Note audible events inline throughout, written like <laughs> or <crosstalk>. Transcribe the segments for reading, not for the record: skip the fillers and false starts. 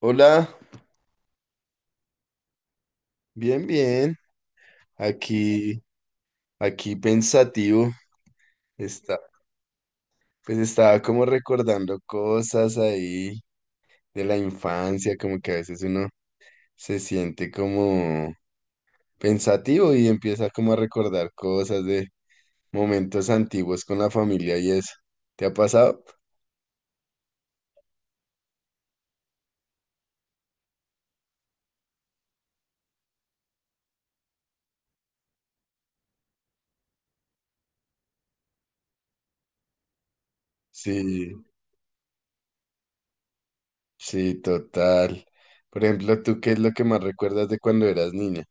Hola, bien, bien. Aquí, aquí pensativo. Está, pues estaba como recordando cosas ahí de la infancia, como que a veces uno se siente como pensativo y empieza como a recordar cosas de momentos antiguos con la familia y eso. ¿Te ha pasado? Sí, sí, total. Por ejemplo, ¿tú qué es lo que más recuerdas de cuando eras niña?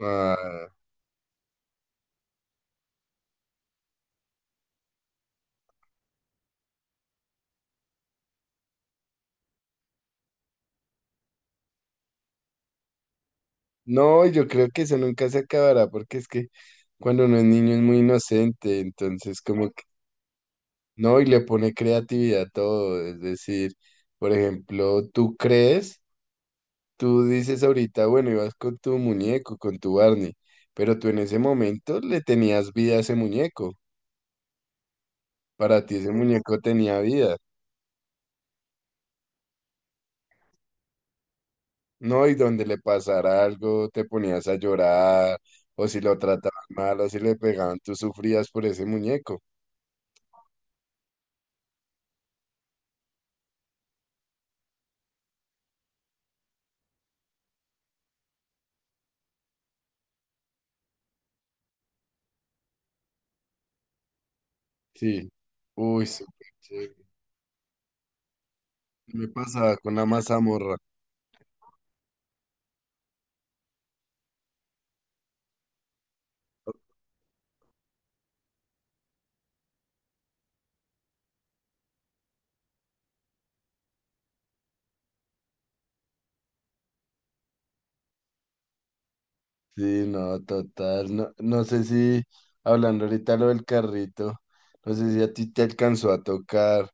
Ah. No, yo creo que eso nunca se acabará porque es que cuando uno es niño es muy inocente, entonces como que no, y le pone creatividad a todo, es decir, por ejemplo, tú crees, tú dices ahorita, bueno, ibas con tu muñeco, con tu Barney, pero tú en ese momento le tenías vida a ese muñeco, para ti ese muñeco tenía vida, ¿no? Y donde le pasara algo, te ponías a llorar, o si lo trataban mal, o si le pegaban, tú sufrías por ese muñeco. Sí. Uy, súper chévere. Me pasa con la mazamorra. Sí, no, total. No, no sé si, hablando ahorita lo del carrito, no sé si a ti te alcanzó a tocar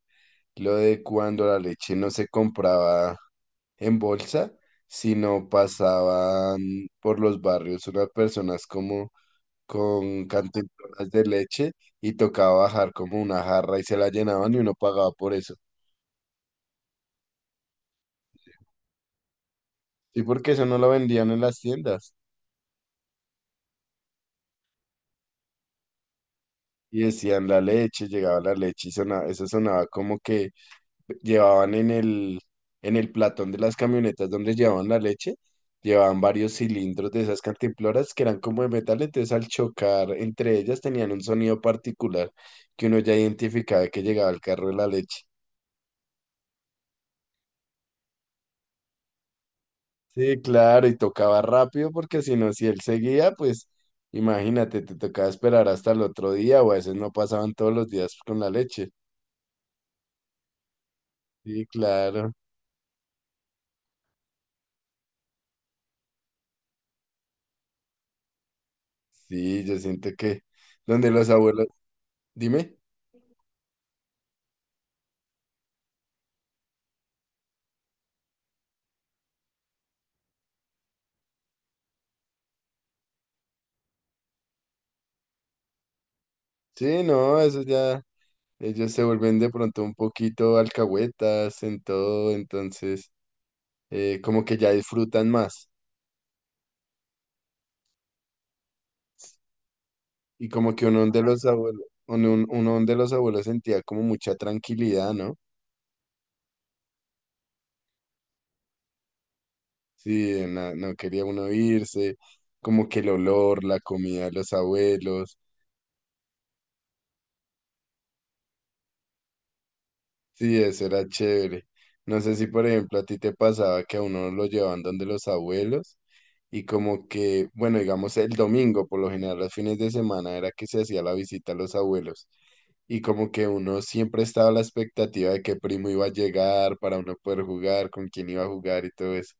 lo de cuando la leche no se compraba en bolsa, sino pasaban por los barrios unas personas como con cantimploras de leche y tocaba bajar como una jarra y se la llenaban y uno pagaba por eso. Sí, porque eso no lo vendían en las tiendas. Y decían la leche, llegaba la leche y sonaba, eso sonaba como que llevaban en el platón de las camionetas donde llevaban la leche, llevaban varios cilindros de esas cantimploras que eran como de metal, entonces al chocar entre ellas tenían un sonido particular que uno ya identificaba que llegaba el carro de la leche. Sí, claro, y tocaba rápido porque si no, si él seguía, pues imagínate, te tocaba esperar hasta el otro día o a veces no pasaban todos los días con la leche. Sí, claro. Sí, yo siento que donde los abuelos, dime, sí, no, eso ya, ellos se vuelven de pronto un poquito alcahuetas en todo, entonces como que ya disfrutan más y como que uno de los abuelos sentía como mucha tranquilidad, ¿no? Sí, no, no quería uno irse, como que el olor, la comida de los abuelos. Sí, eso era chévere. No sé si, por ejemplo, a ti te pasaba que a uno lo llevaban donde los abuelos y como que, bueno, digamos el domingo, por lo general los fines de semana era que se hacía la visita a los abuelos y como que uno siempre estaba a la expectativa de qué primo iba a llegar para uno poder jugar, con quién iba a jugar y todo eso.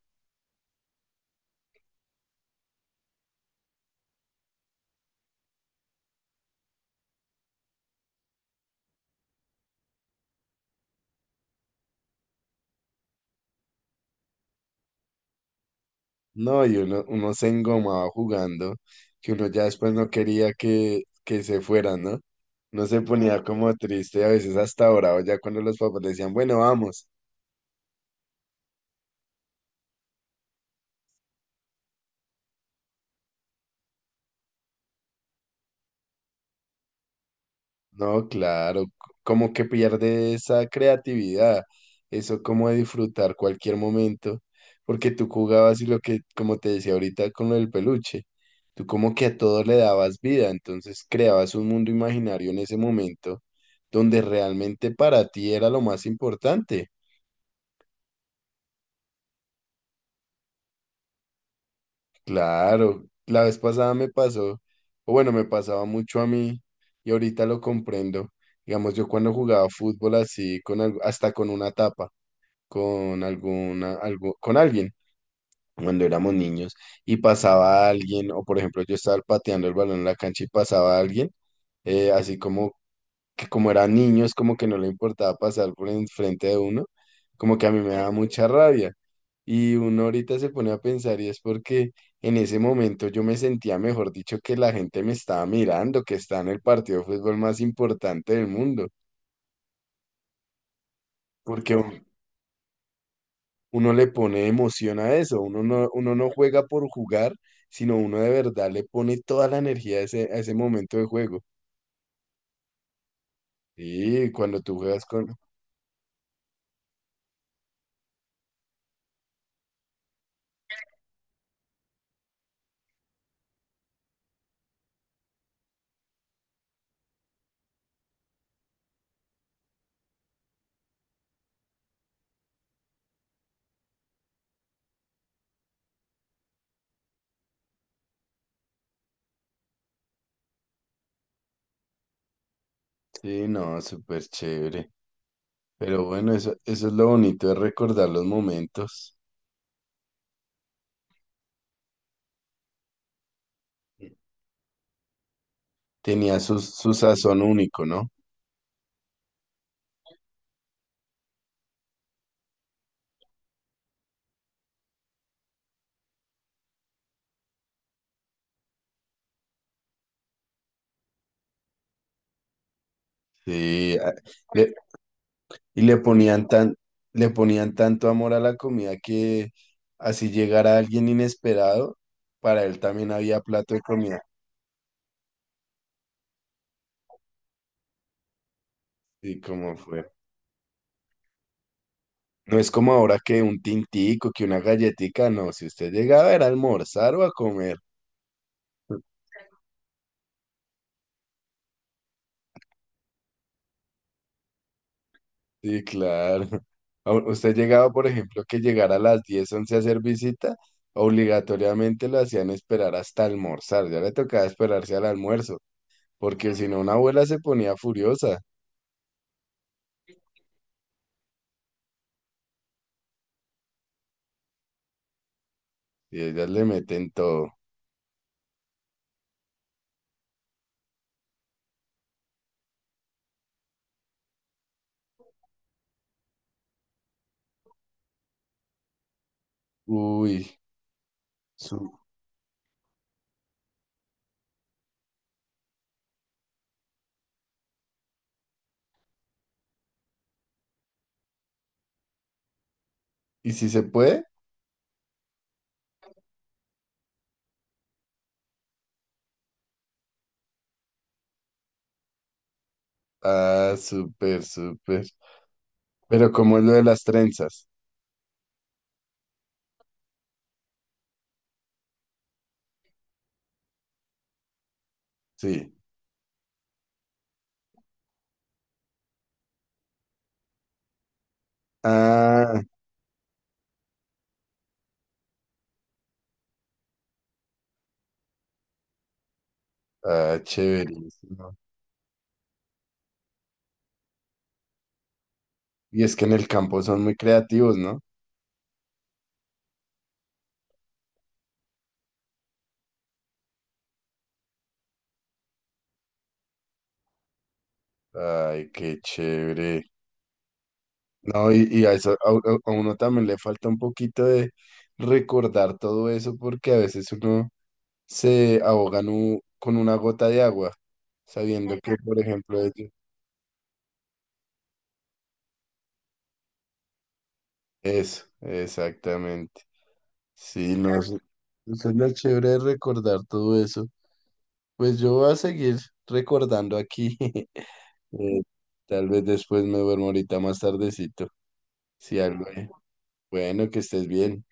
No, y uno se engomaba jugando, que uno ya después no quería que se fueran, ¿no? No se ponía como triste, a veces hasta bravo, ya cuando los papás decían, bueno, vamos. No, claro, como que pierde esa creatividad, eso como de disfrutar cualquier momento, porque tú jugabas y lo que, como te decía ahorita con lo del peluche, tú como que a todo le dabas vida, entonces creabas un mundo imaginario en ese momento donde realmente para ti era lo más importante. Claro, la vez pasada me pasó, o bueno, me pasaba mucho a mí y ahorita lo comprendo. Digamos, yo cuando jugaba fútbol así, hasta con una tapa con alguna, algo, con alguien cuando éramos niños y pasaba alguien, o por ejemplo yo estaba pateando el balón en la cancha y pasaba alguien, así como que como eran niños, como que no le importaba pasar por enfrente de uno, como que a mí me daba mucha rabia. Y uno ahorita se pone a pensar y es porque en ese momento yo me sentía, mejor dicho, que la gente me estaba mirando, que está en el partido de fútbol más importante del mundo, porque uno le pone emoción a eso, uno no juega por jugar, sino uno de verdad le pone toda la energía a ese momento de juego. Y cuando tú juegas con... Sí, no, súper chévere. Pero bueno, eso es lo bonito de recordar los momentos. Tenía su sazón único, ¿no? Sí, le- y le ponían tan, le ponían tanto amor a la comida que así llegara alguien inesperado, para él también había plato de comida. Y como fue. No es como ahora que un tintico, que una galletica, no. Si usted llegaba era a almorzar o a comer. Sí, claro. <laughs> Usted llegaba, por ejemplo, que llegara a las 10 u 11 a hacer visita, obligatoriamente lo hacían esperar hasta almorzar. Ya le tocaba esperarse al almuerzo, porque si no, una abuela se ponía furiosa y ellas le meten todo. Uy, su- ¿y si se puede? Ah, súper, súper. Pero ¿cómo es lo de las trenzas? Sí. Ah, chévere. Y es que en el campo son muy creativos, ¿no? Ay, qué chévere. No, y a eso a uno también le falta un poquito de recordar todo eso porque a veces uno se ahoga en con una gota de agua, sabiendo que, por ejemplo. Eso, exactamente. Sí, no, eso es lo chévere de recordar todo eso. Pues yo voy a seguir recordando aquí. <laughs> Eh, Tal vez después me duermo ahorita más tardecito, si algo. Bueno, que estés bien.